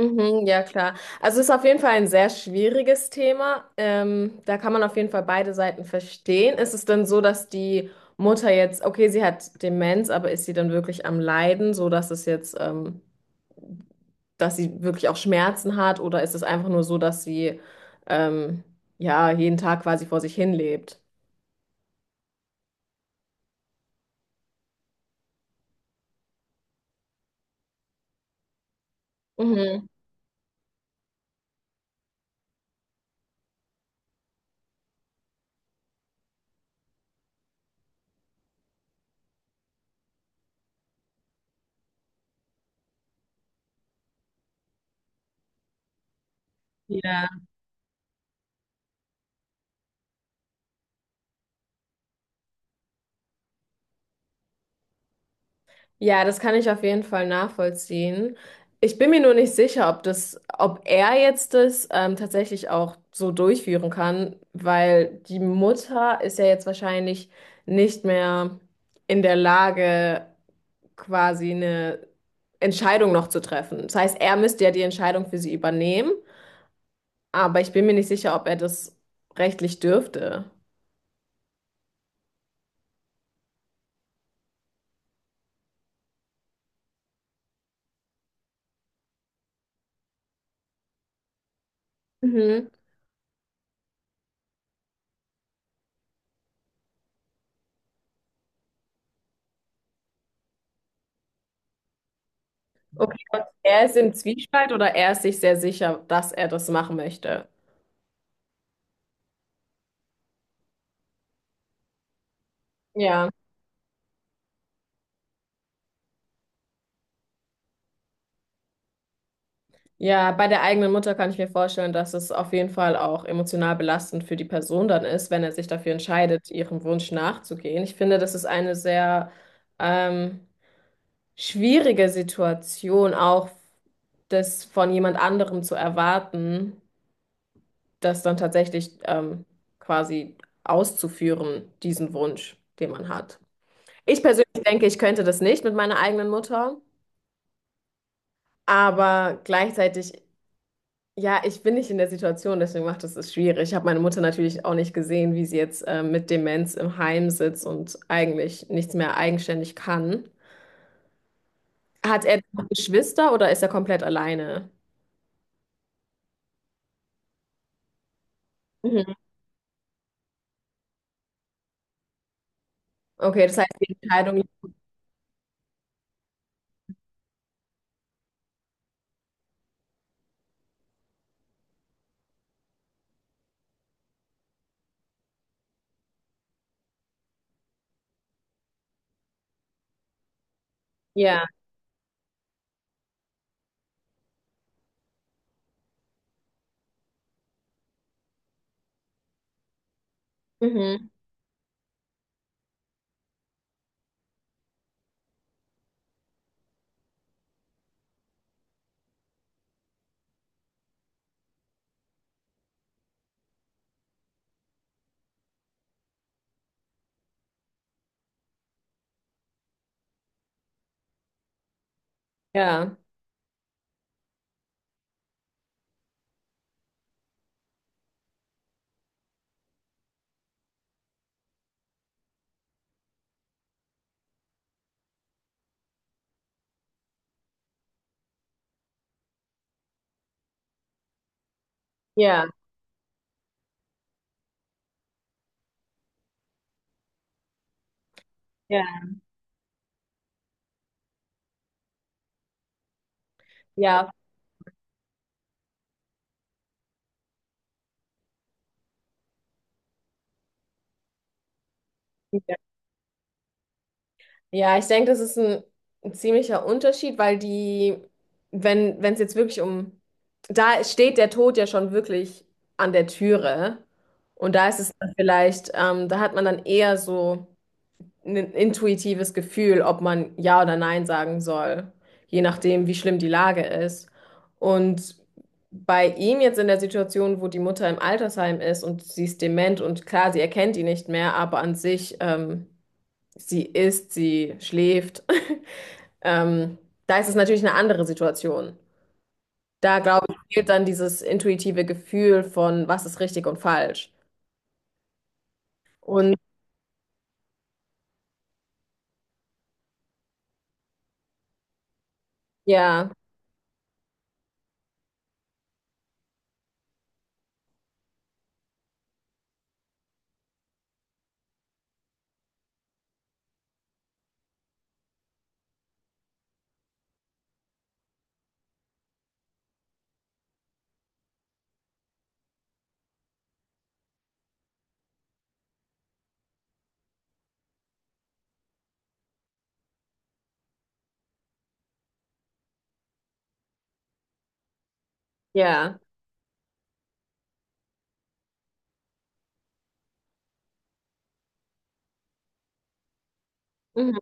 Mhm, ja, klar. Also es ist auf jeden Fall ein sehr schwieriges Thema. Da kann man auf jeden Fall beide Seiten verstehen. Ist es denn so, dass die Mutter jetzt, okay, sie hat Demenz, aber ist sie dann wirklich am Leiden, so dass es jetzt, dass sie wirklich auch Schmerzen hat, oder ist es einfach nur so, dass sie ähm, ja jeden Tag quasi vor sich hin lebt? Mhm. Ja. Ja, das kann ich auf jeden Fall nachvollziehen. Ich bin mir nur nicht sicher, ob das, ob er jetzt das tatsächlich auch so durchführen kann, weil die Mutter ist ja jetzt wahrscheinlich nicht mehr in der Lage, quasi eine Entscheidung noch zu treffen. Das heißt, er müsste ja die Entscheidung für sie übernehmen, aber ich bin mir nicht sicher, ob er das rechtlich dürfte. Mhm. Okay, und er ist im Zwiespalt oder er ist sich sehr sicher, dass er das machen möchte? Ja. Ja, bei der eigenen Mutter kann ich mir vorstellen, dass es auf jeden Fall auch emotional belastend für die Person dann ist, wenn er sich dafür entscheidet, ihrem Wunsch nachzugehen. Ich finde, das ist eine sehr ähm, schwierige Situation, auch das von jemand anderem zu erwarten, das dann tatsächlich quasi auszuführen, diesen Wunsch, den man hat. Ich persönlich denke, ich könnte das nicht mit meiner eigenen Mutter, aber gleichzeitig. Ja, ich bin nicht in der Situation, deswegen macht es es schwierig. Ich habe meine Mutter natürlich auch nicht gesehen, wie sie jetzt mit Demenz im Heim sitzt und eigentlich nichts mehr eigenständig kann. Hat er noch Geschwister oder ist er komplett alleine? Mhm. Okay, das heißt, die Entscheidung, ja, mhm. Ja, ja, ja, ja, ja, ich denke, das ist ein ziemlicher Unterschied, weil die, wenn es jetzt wirklich um, da steht der Tod ja schon wirklich an der Türe und da ist es dann vielleicht, da hat man dann eher so ein intuitives Gefühl, ob man Ja oder Nein sagen soll, je nachdem, wie schlimm die Lage ist. Und bei ihm jetzt in der Situation, wo die Mutter im Altersheim ist und sie ist dement und klar, sie erkennt ihn nicht mehr, aber an sich, sie isst, sie schläft. Ähm, Da ist es natürlich eine andere Situation. Da, glaube ich, fehlt dann dieses intuitive Gefühl von, was ist richtig und falsch. Und ja, ja. Mhm.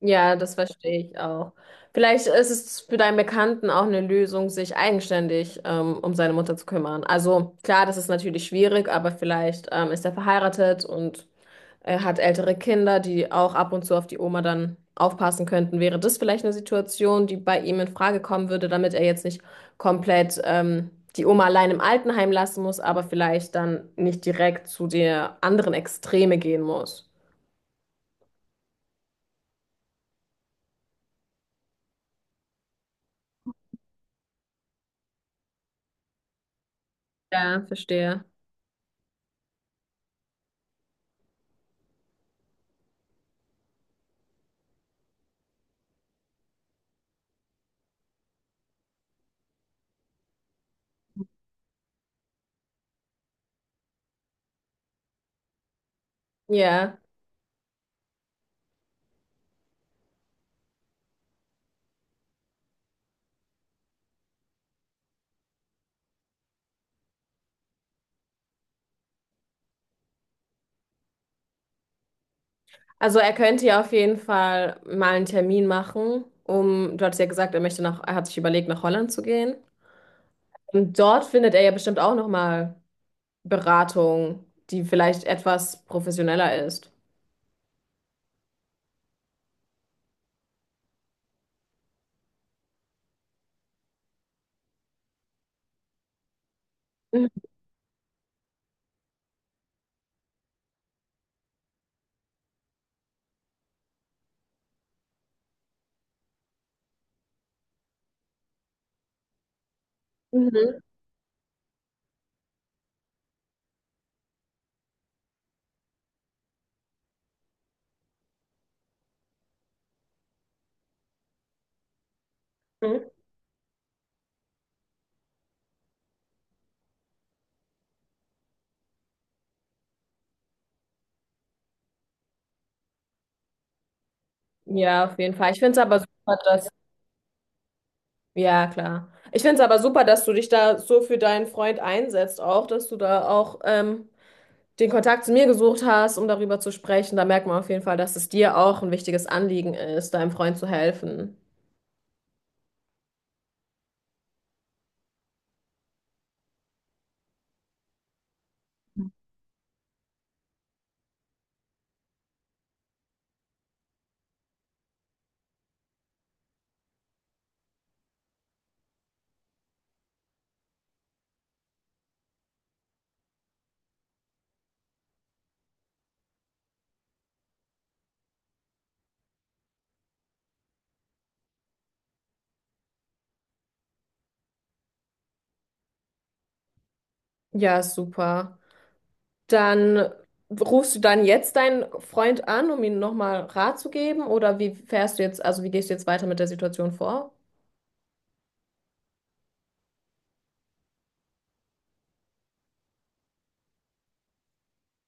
Ja, das verstehe ich auch. Vielleicht ist es für deinen Bekannten auch eine Lösung, sich eigenständig um seine Mutter zu kümmern. Also klar, das ist natürlich schwierig, aber vielleicht ist er verheiratet und er hat ältere Kinder, die auch ab und zu auf die Oma dann aufpassen könnten. Wäre das vielleicht eine Situation, die bei ihm in Frage kommen würde, damit er jetzt nicht komplett die Oma allein im Altenheim lassen muss, aber vielleicht dann nicht direkt zu der anderen Extreme gehen muss? Ja, verstehe. Ja. Also er könnte ja auf jeden Fall mal einen Termin machen, um, du hattest ja gesagt, er möchte nach, er hat sich überlegt, nach Holland zu gehen. Und dort findet er ja bestimmt auch nochmal Beratung, die vielleicht etwas professioneller ist. Mhm. Mhm. Ja, auf jeden Fall. Ich finde es aber super, dass, ja, klar. Ich finde es aber super, dass du dich da so für deinen Freund einsetzt, auch, dass du da auch den Kontakt zu mir gesucht hast, um darüber zu sprechen. Da merkt man auf jeden Fall, dass es dir auch ein wichtiges Anliegen ist, deinem Freund zu helfen. Ja, super. Dann rufst du dann jetzt deinen Freund an, um ihm nochmal Rat zu geben? Oder wie fährst du jetzt, also wie gehst du jetzt weiter mit der Situation vor?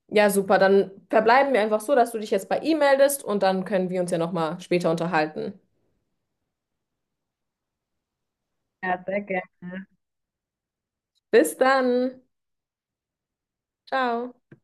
Ja, super. Dann verbleiben wir einfach so, dass du dich jetzt bei ihm meldest und dann können wir uns ja nochmal später unterhalten. Ja, sehr gerne. Bis dann. Ciao.